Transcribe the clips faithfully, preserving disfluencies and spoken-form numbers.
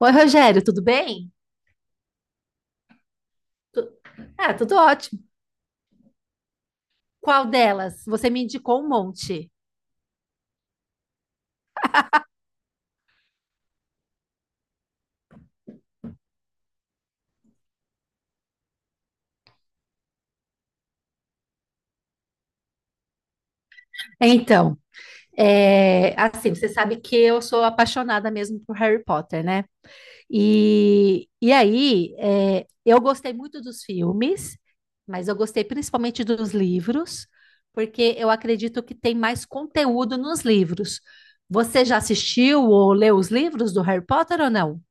Oi, Rogério, tudo bem? Tu- Ah, tudo ótimo. Qual delas? Você me indicou um monte. Então, é, assim, você sabe que eu sou apaixonada mesmo por Harry Potter, né? E, e aí, é, eu gostei muito dos filmes, mas eu gostei principalmente dos livros, porque eu acredito que tem mais conteúdo nos livros. Você já assistiu ou leu os livros do Harry Potter ou não?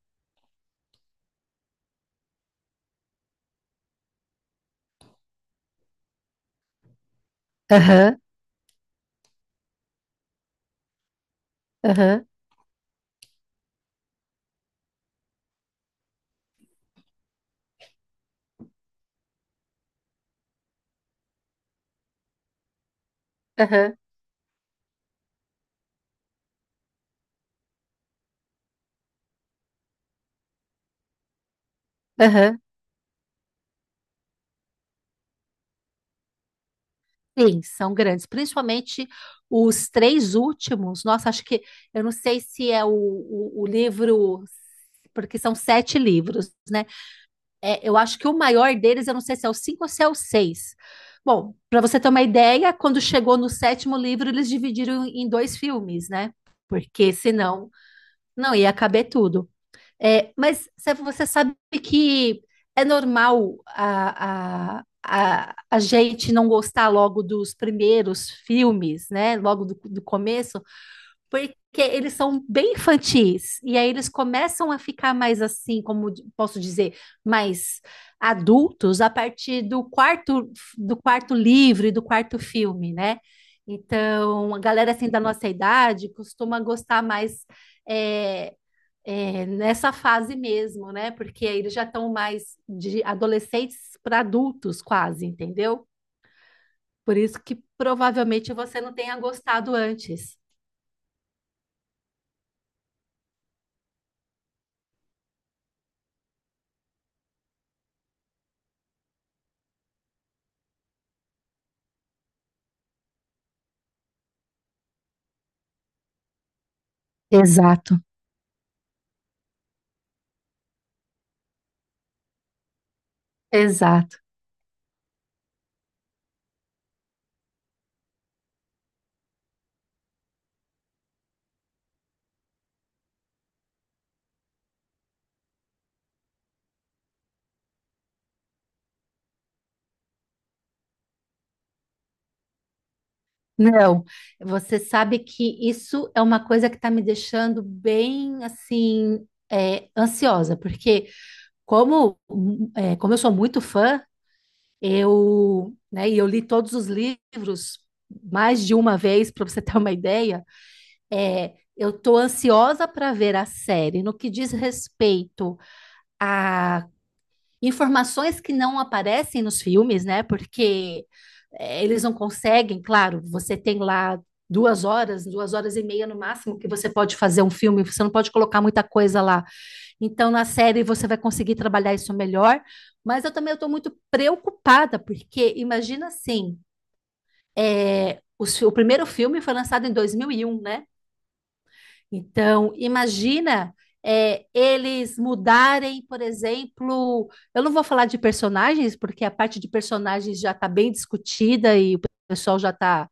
Aham, aham, aham, aham. Sim, são grandes, principalmente os três últimos. Nossa, acho que eu não sei se é o, o, o livro, porque são sete livros, né? É, eu acho que o maior deles, eu não sei se é o cinco ou se é o seis. Bom, para você ter uma ideia, quando chegou no sétimo livro, eles dividiram em dois filmes, né? Porque senão não ia caber tudo. É, mas Sefa, você sabe que é normal a, a, a, a gente não gostar logo dos primeiros filmes, né? Logo do, do começo, porque eles são bem infantis. E aí eles começam a ficar mais assim, como d- posso dizer, mais adultos a partir do quarto, do quarto livro e do quarto filme, né? Então, a galera assim da nossa idade costuma gostar mais é, é, nessa fase mesmo, né? Porque aí eles já estão mais de adolescentes para adultos, quase, entendeu? Por isso que provavelmente você não tenha gostado antes. Exato. Exato. Não, você sabe que isso é uma coisa que está me deixando bem assim é, ansiosa, porque como hum, é, como eu sou muito fã, eu, né, e eu li todos os livros mais de uma vez para você ter uma ideia. É, eu estou ansiosa para ver a série. No que diz respeito a informações que não aparecem nos filmes, né? Porque é, eles não conseguem, claro, você tem lá duas horas, duas horas e meia no máximo que você pode fazer um filme, você não pode colocar muita coisa lá. Então, na série você vai conseguir trabalhar isso melhor, mas eu também estou muito preocupada, porque imagina assim, é, os fi- o primeiro filme foi lançado em dois mil e um, né? Então, imagina é, eles mudarem, por exemplo, eu não vou falar de personagens, porque a parte de personagens já está bem discutida e o pessoal já está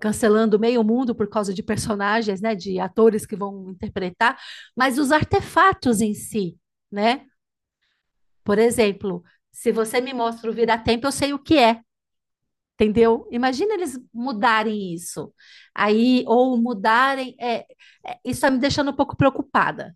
cancelando meio mundo por causa de personagens, né, de atores que vão interpretar, mas os artefatos em si, né? Por exemplo, se você me mostra o vira-tempo, eu sei o que é. Entendeu? Imagina eles mudarem isso. Aí, ou mudarem. É, é, isso está me deixando um pouco preocupada.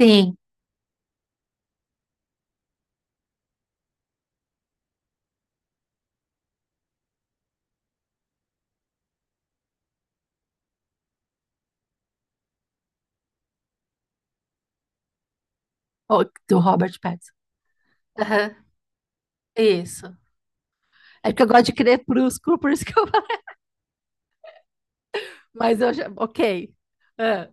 Sim, o- do Robert Pattinson. Aham, isso. É porque eu gosto de crer crepúsculo, por isso que eu falo. Mas eu já. Ok. Ah,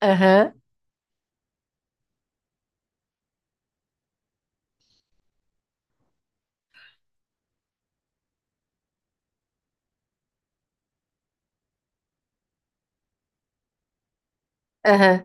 aham. Aham,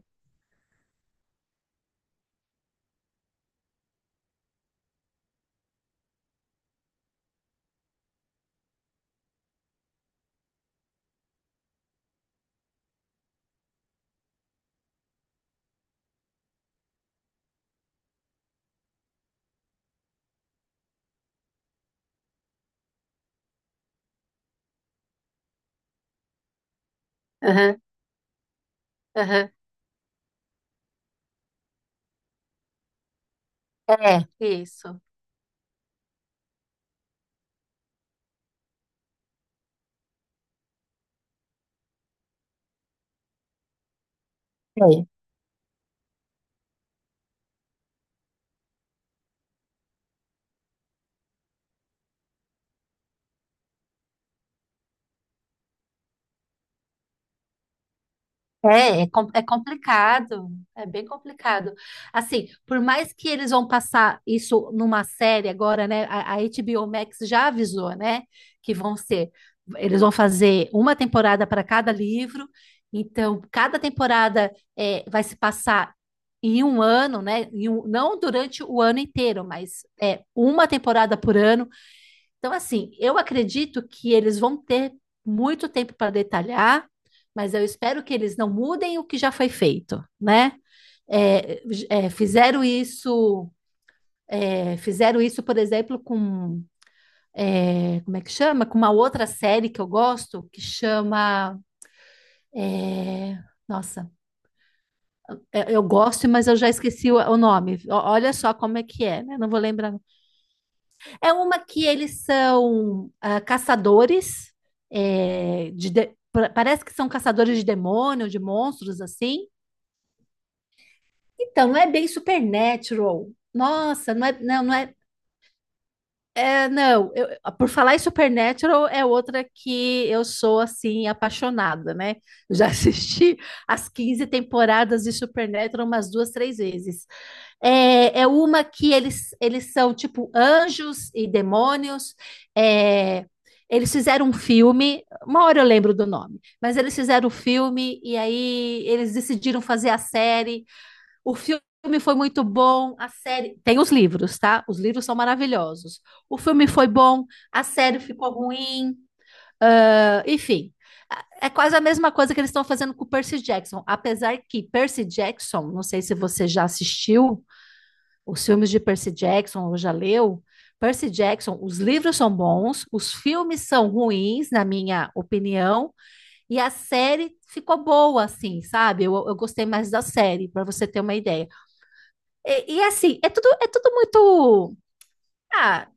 aham, aham, aham. É, isso. É, é, com- é complicado, é bem complicado. Assim, por mais que eles vão passar isso numa série agora, né? A, a H B O Max já avisou, né? Que vão ser, eles vão fazer uma temporada para cada livro, então cada temporada é, vai se passar em um ano, né? Em um- não durante o ano inteiro, mas é uma temporada por ano. Então, assim, eu acredito que eles vão ter muito tempo para detalhar, mas eu espero que eles não mudem o que já foi feito, né? É, é, fizeram isso, é, fizeram isso, por exemplo, com é, como é que chama? Com uma outra série que eu gosto, que chama, é, nossa, eu eu gosto, mas eu já esqueci o, o nome. O- Olha só como é que é, né? Não vou lembrar. É uma que eles são ah, caçadores, é, de de- pa- parece que são caçadores de demônio, de monstros, assim. Então, não é bem supernatural. Nossa, não é, não, não é. É, não, eu- por falar em Supernatural é outra que eu sou assim apaixonada, né? Eu já assisti as quinze temporadas de Supernatural umas duas, três vezes. É, é uma que eles, eles são tipo anjos e demônios. é, Eles fizeram um filme, uma hora eu lembro do nome, mas eles fizeram o filme e aí eles decidiram fazer a série. O filme foi muito bom, a série. Tem os livros, tá? Os livros são maravilhosos. O filme foi bom, a série ficou ruim, ah, enfim. É quase a mesma coisa que eles estão fazendo com o Percy Jackson. Apesar que Percy Jackson, não sei se você já assistiu os filmes de Percy Jackson ou já leu. Percy Jackson, os livros são bons, os filmes são ruins, na minha opinião, e a série ficou boa, assim, sabe? Eu, eu gostei mais da série, para você ter uma ideia. E, e assim, é tudo, é tudo muito. Ah,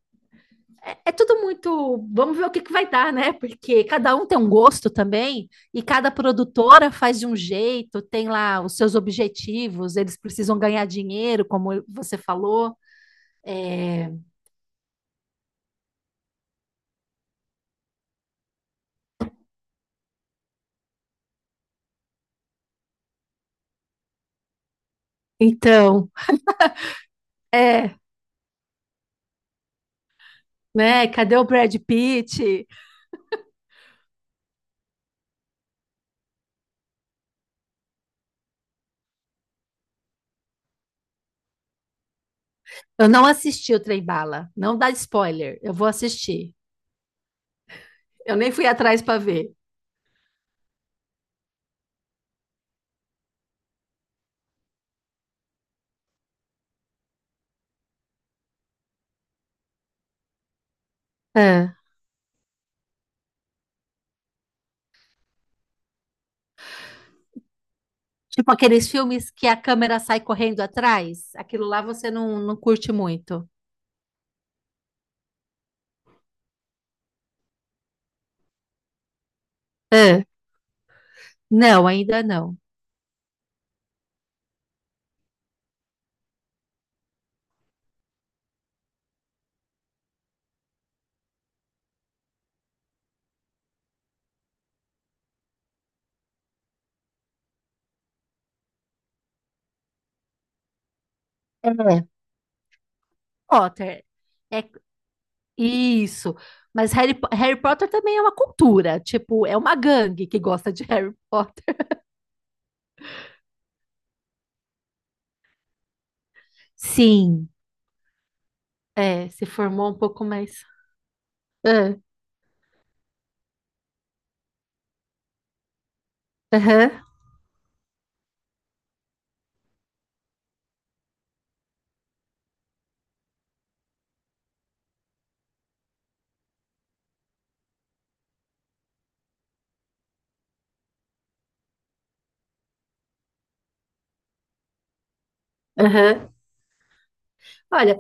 é, é tudo muito. Vamos ver o que, que vai dar, né? Porque cada um tem um gosto também, e cada produtora faz de um jeito, tem lá os seus objetivos, eles precisam ganhar dinheiro, como você falou. É, então, é, né? Cadê o Brad Pitt? Eu não assisti o Trem Bala, não dá spoiler, eu vou assistir. Eu nem fui atrás para ver. É. Tipo aqueles filmes que a câmera sai correndo atrás. Aquilo lá você não, não curte muito. É. Não, ainda não. É. Potter. É isso. Mas Harry, Po- Harry Potter também é uma cultura. Tipo, é uma gangue que gosta de Harry Potter. Sim. É, se formou um pouco mais. Ah. Aham, aham. Olha,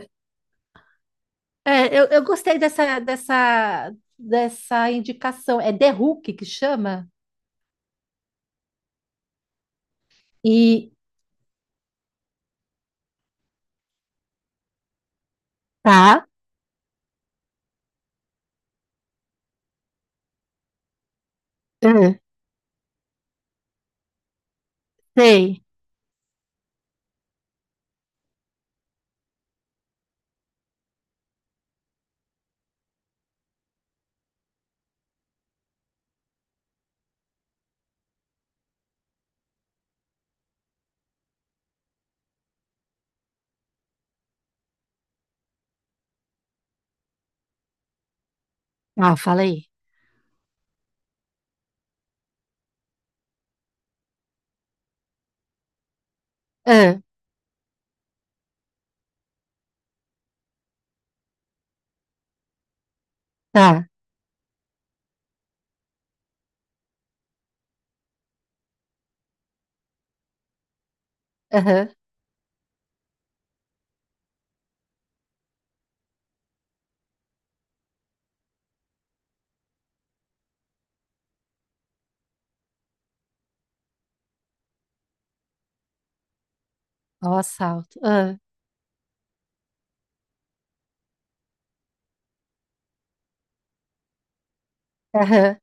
é, eu, eu gostei dessa, dessa, dessa indicação. É The Hook que chama? E. Tá. É. Sei. Ah, falei. Ah, tá. Aham. Ó, assalto. Ah, aham.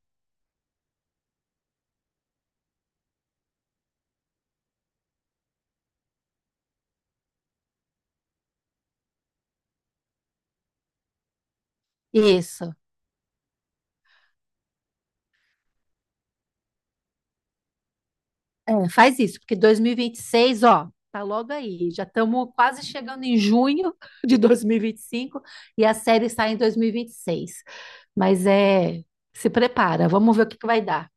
Isso. É, faz isso, porque dois mil e e vinte e seis, ó, tá logo aí. Já estamos quase chegando em junho de dois mil e vinte e e cinco e a série sai em dois mil e e vinte e seis. Mas é, se prepara, vamos ver o que que vai dar.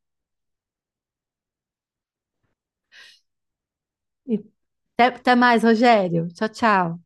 E até até mais, Rogério. Tchau, tchau.